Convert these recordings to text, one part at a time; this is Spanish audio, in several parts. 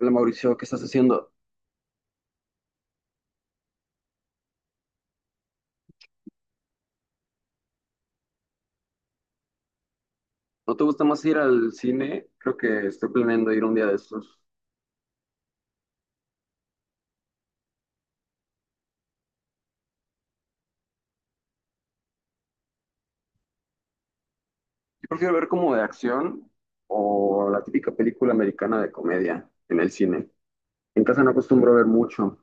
Hola Mauricio, ¿qué estás haciendo? ¿No te gusta más ir al cine? Creo que estoy planeando ir un día de estos. Yo prefiero ver como de acción o la típica película americana de comedia en el cine. En casa no acostumbro a ver mucho.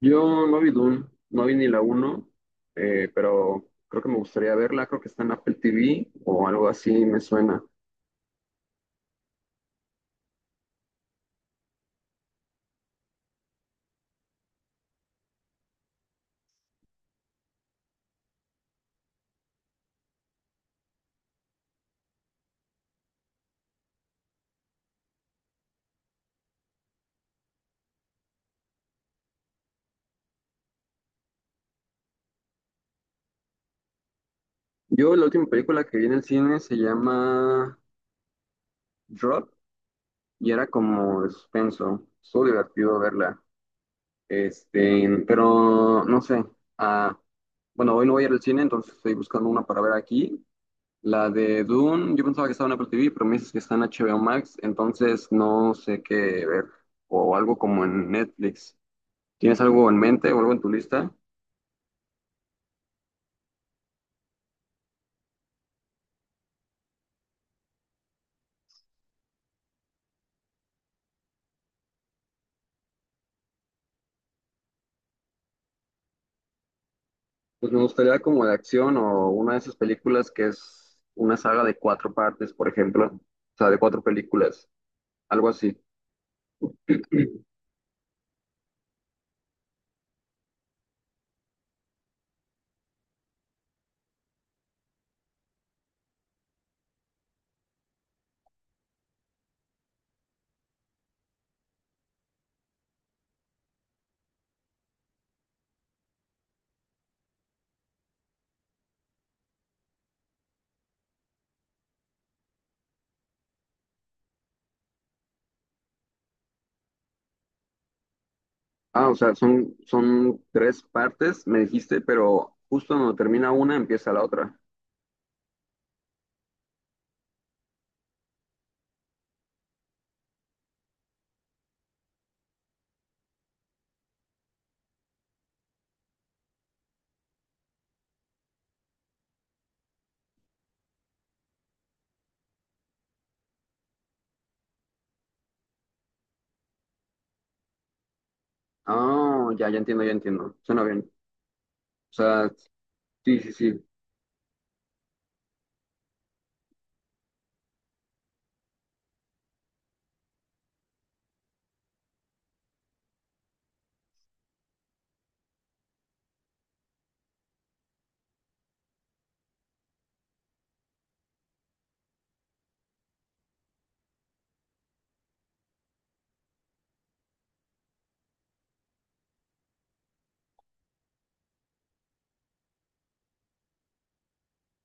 Yo no vi Dune, no vi ni la uno, pero creo que me gustaría verla. Creo que está en Apple TV o algo así, me suena. Yo la última película que vi en el cine se llama Drop y era como de suspenso. Estuvo divertido verla. Pero no sé. Ah, bueno, hoy no voy a ir al cine, entonces estoy buscando una para ver aquí. La de Dune, yo pensaba que estaba en Apple TV, pero me dices que está en HBO Max, entonces no sé qué ver. O algo como en Netflix. ¿Tienes algo en mente o algo en tu lista? Pues me gustaría como de acción o una de esas películas que es una saga de cuatro partes, por ejemplo. O sea, de cuatro películas, algo así. Ah, o sea, son tres partes, me dijiste, pero justo cuando termina una, empieza la otra. Ah, ya entiendo, ya entiendo. Suena bien. O sea, sí, sí, sí.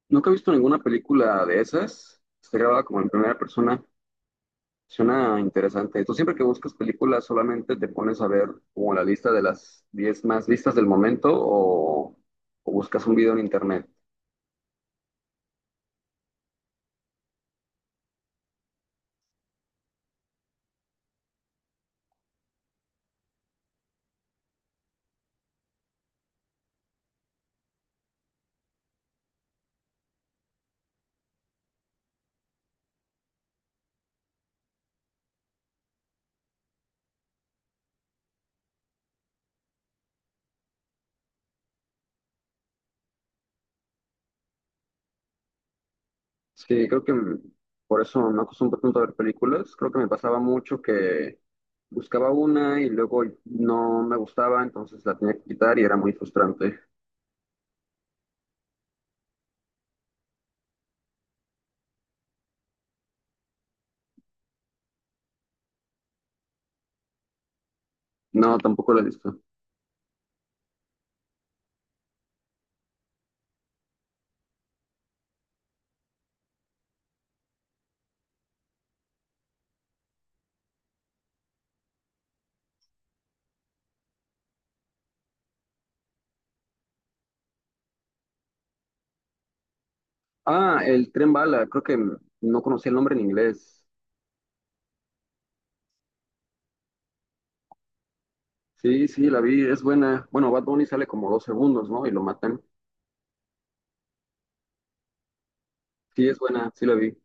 Nunca he visto ninguna película de esas. Está grabada como en primera persona. Suena interesante. Tú siempre que buscas películas solamente te pones a ver como la lista de las 10 más listas del momento o buscas un video en internet. Sí, creo que por eso me acostumbro tanto a ver películas. Creo que me pasaba mucho que buscaba una y luego no me gustaba, entonces la tenía que quitar y era muy frustrante. No, tampoco la he visto. Ah, El Tren Bala, creo que no conocía el nombre en inglés. Sí, sí, la vi, es buena. Bueno, Bad Bunny sale como 2 segundos, ¿no? Y lo matan. Sí, es buena, sí la vi.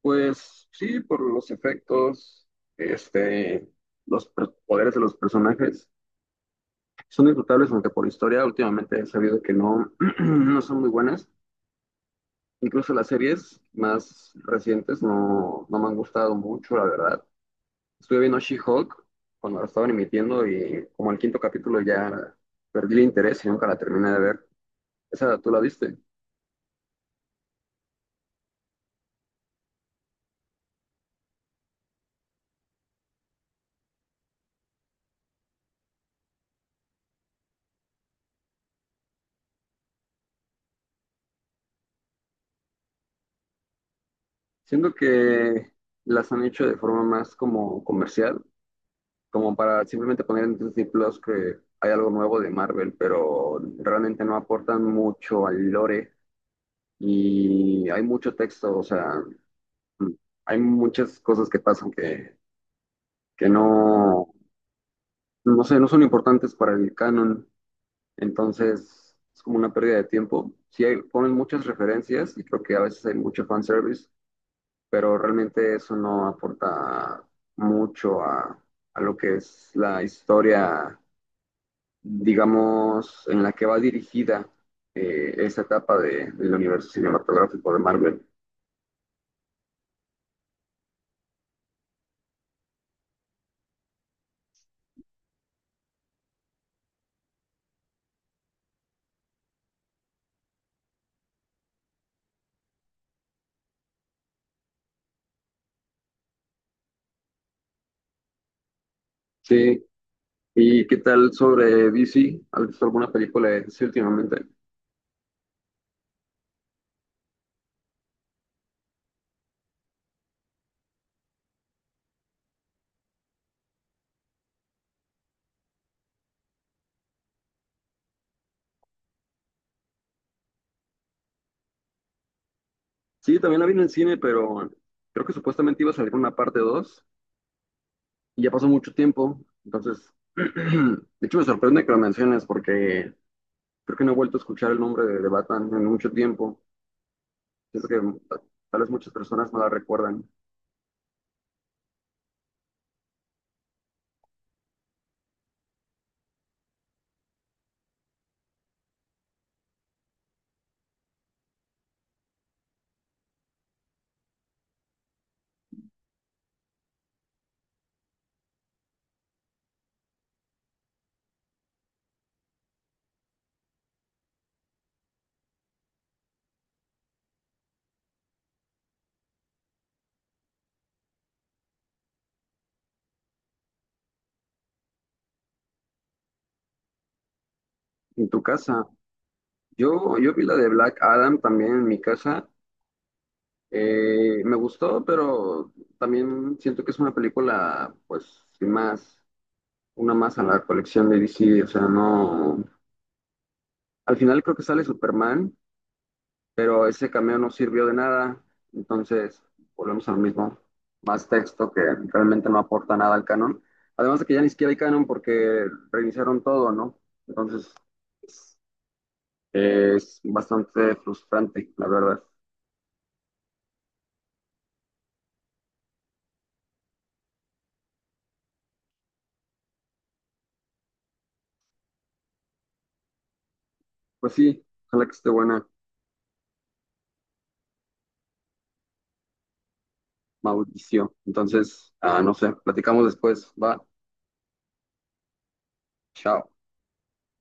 Pues sí, por los efectos, este, los poderes de los personajes. Son disfrutables, aunque por historia últimamente he sabido que no son muy buenas. Incluso las series más recientes no me han gustado mucho, la verdad. Estuve viendo She-Hulk cuando la estaban emitiendo y como el quinto capítulo ya perdí el interés y nunca la terminé de ver. Esa tú la viste. Siento que las han hecho de forma más como comercial, como para simplemente poner en Disney Plus que hay algo nuevo de Marvel, pero realmente no aportan mucho al lore y hay mucho texto, o sea, mm, hay muchas cosas que pasan que no sé, no son importantes para el canon, entonces es como una pérdida de tiempo. Ponen muchas referencias y creo que a veces hay mucho fanservice, pero realmente eso no aporta mucho a, a lo que es la historia, digamos, en la que va dirigida esa del universo cinematográfico de Marvel. Sí. ¿Y qué tal sobre DC? ¿Has visto alguna película de DC últimamente? Sí, también la vi en el cine, pero creo que supuestamente iba a salir una parte 2 y ya pasó mucho tiempo. Entonces, de hecho me sorprende que lo menciones porque creo que no he vuelto a escuchar el nombre de Batman en mucho tiempo. Siento que ta- tal vez muchas personas no la recuerdan. En tu casa, yo vi la de Black Adam también en mi casa. Me gustó, pero también siento que es una película, pues, sin más. Una más a la colección de DC, o sea, no. Al final creo que sale Superman, pero ese cameo no sirvió de nada, entonces volvemos a lo mismo. Más texto que realmente no aporta nada al canon. Además de que ya ni siquiera hay canon porque reiniciaron todo, ¿no? Entonces es bastante frustrante, la verdad. Pues sí, ojalá que esté buena, Mauricio. Entonces, no sé, platicamos después. Va, chao.